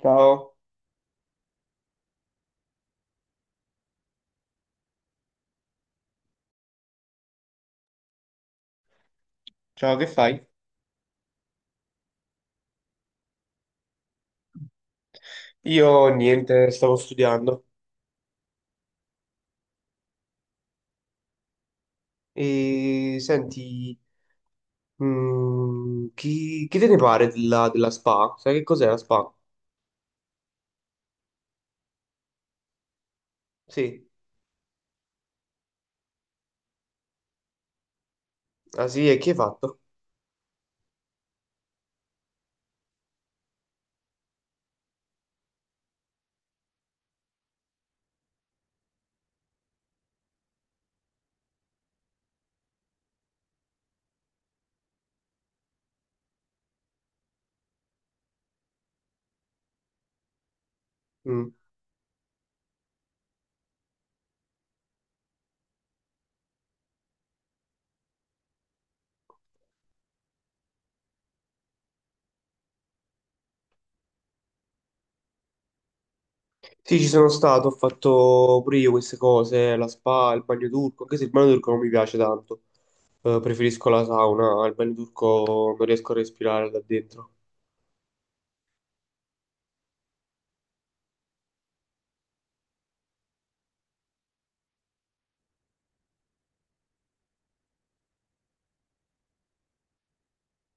Ciao, ciao, che fai? Io niente, stavo studiando. E senti, chi te ne pare della SPA? Sai che cos'è la SPA? Sì, ah sì, e chi hai fatto? Mm. Sì, ci sono stato, ho fatto pure io queste cose, la SPA, il bagno turco, anche se il bagno turco non mi piace tanto. Preferisco la sauna, al bagno turco non riesco a respirare da dentro.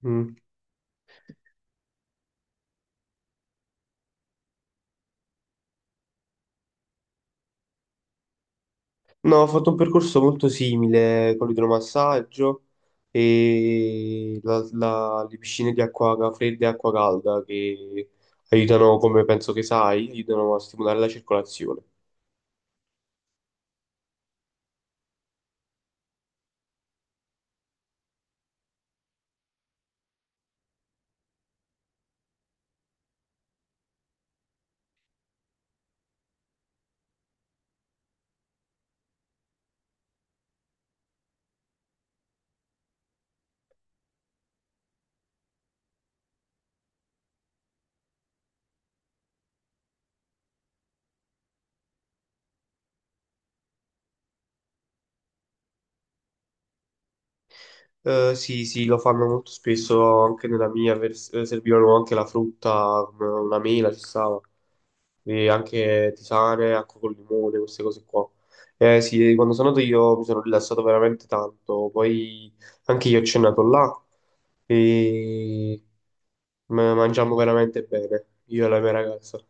Mm. No, ho fatto un percorso molto simile con l'idromassaggio e le piscine di acqua fredda e acqua calda che aiutano, come penso che sai, aiutano a stimolare la circolazione. Sì, sì, lo fanno molto spesso anche nella mia, servivano anche la frutta, come una mela ci stava, e anche tisane, acqua col limone, queste cose qua. Eh sì, quando sono andato io mi sono rilassato veramente tanto, poi anche io ho cenato là e mangiamo veramente bene, io e la mia ragazza.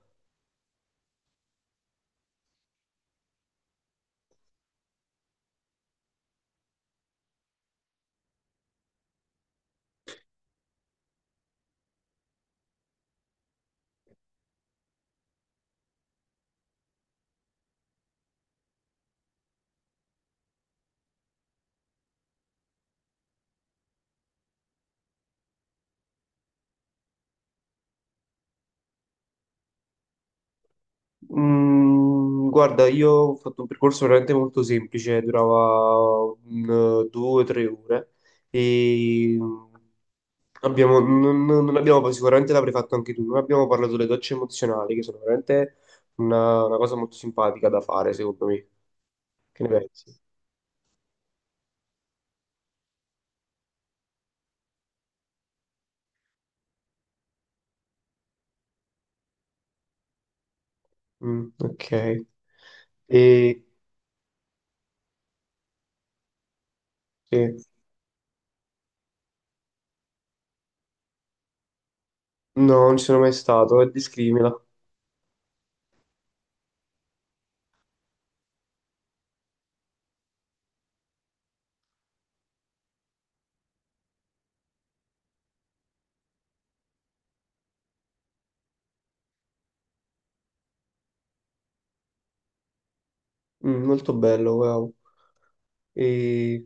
Mm, guarda, io ho fatto un percorso veramente molto semplice, durava un, due o tre ore e abbiamo, non abbiamo, sicuramente l'avrei fatto anche tu, non abbiamo parlato delle docce emozionali che sono veramente una cosa molto simpatica da fare, secondo me. Che ne pensi? Mm, ok. E sì. No, non ci sono mai stato, e descrivimela. Mm, molto bello, wow. E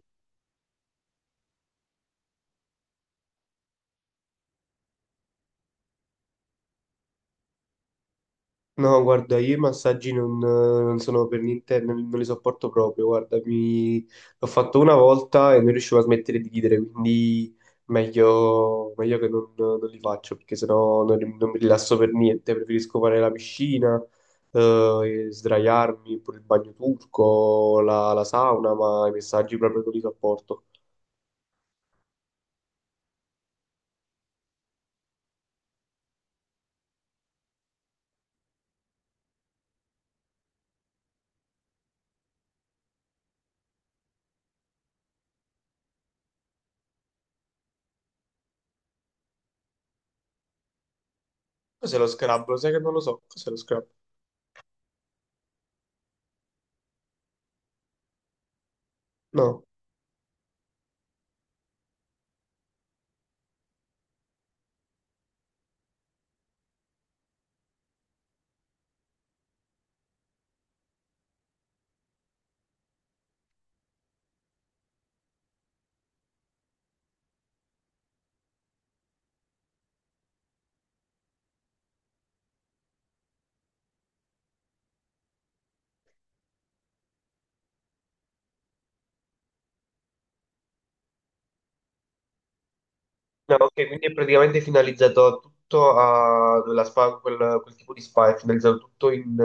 no, guarda, io i massaggi non sono per niente, non li sopporto proprio. Guarda, mi... l'ho fatto una volta e non riuscivo a smettere di ridere, quindi meglio, meglio che non li faccio perché sennò non mi rilasso per niente. Preferisco fare la piscina, eh, e sdraiarmi, pure il bagno turco, la sauna, ma i massaggi proprio non li sopporto. Cos'è lo scrub? Lo sai che non lo so. Cos'è lo scrub? No. No, ok, quindi è praticamente finalizzato tutto a la spa, quel tipo di spa, è finalizzato tutto in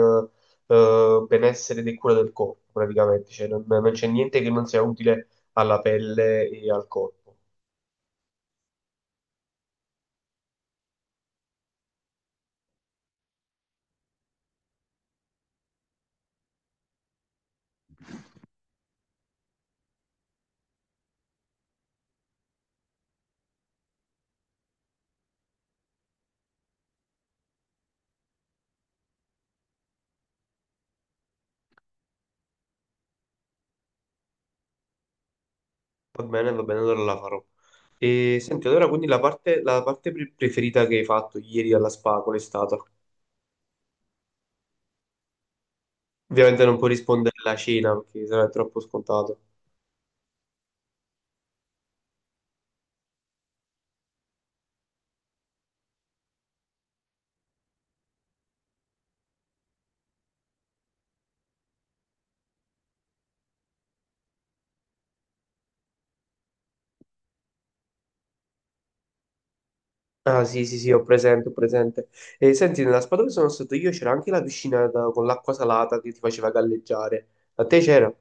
benessere e cura del corpo, praticamente, cioè non c'è niente che non sia utile alla pelle e al corpo. Va bene, allora la farò. E senti, allora quindi la parte, preferita che hai fatto ieri alla spa, qual è stata? Ovviamente non puoi rispondere alla cena perché sarà troppo scontato. Ah sì sì sì, ho presente, ho presente. E senti, nella spa dove sono stato io c'era anche la con l'acqua salata che ti faceva galleggiare. A te c'era?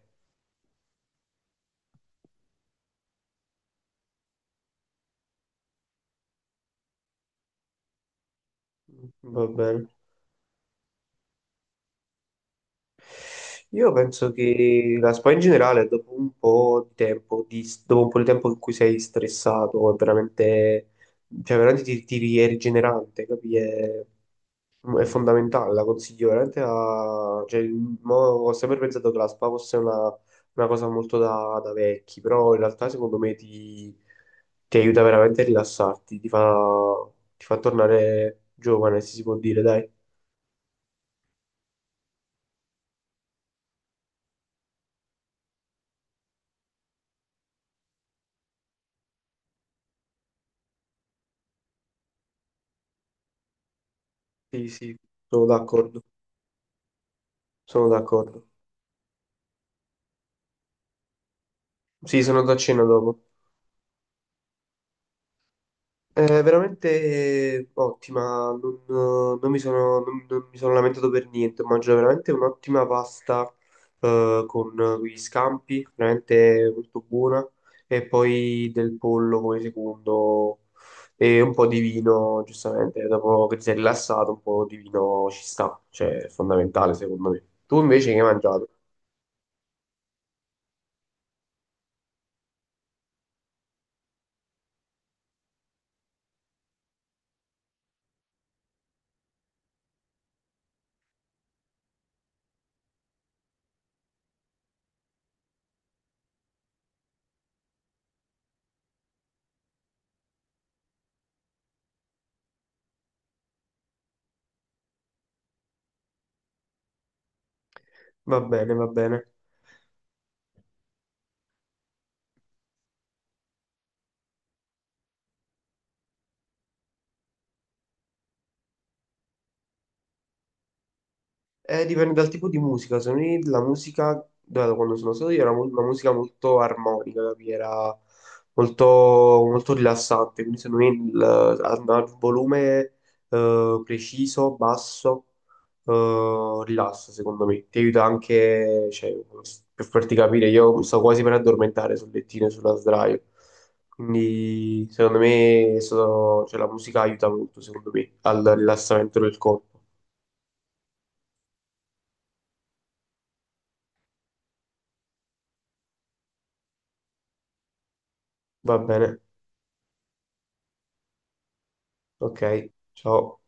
Mm, va bene. Io penso che la spa in generale, dopo un po' di tempo, dopo un po' di tempo in cui sei stressato, è veramente, cioè veramente ti è rigenerante, capi? È fondamentale, la consiglio veramente a... Cioè, mo ho sempre pensato che la spa fosse una cosa molto da vecchi, però in realtà secondo me ti aiuta veramente a rilassarti, ti fa tornare giovane, se si può dire, dai. Sì, sì, sono d'accordo, sono d'accordo. Sì, sono da cena dopo. È veramente ottima, non mi sono lamentato per niente, mangio veramente un'ottima pasta con gli scampi, veramente molto buona, e poi del pollo come secondo e un po' di vino, giustamente, dopo che ti sei rilassato un po' di vino ci sta, cioè è fondamentale secondo me. Tu invece che hai mangiato? Va bene, va bene. Dipende dal tipo di musica. Secondo me la musica, da quando sono stato io, una musica molto armonica, capì? Era molto, molto rilassante. Quindi secondo me andava al volume preciso, basso, rilassa, secondo me. Ti aiuta anche, cioè, per farti capire, io mi sto quasi per addormentare sul lettino e sulla sdraio. Quindi secondo me cioè, la musica aiuta molto, secondo me, al rilassamento del corpo. Va bene. Ok, ciao.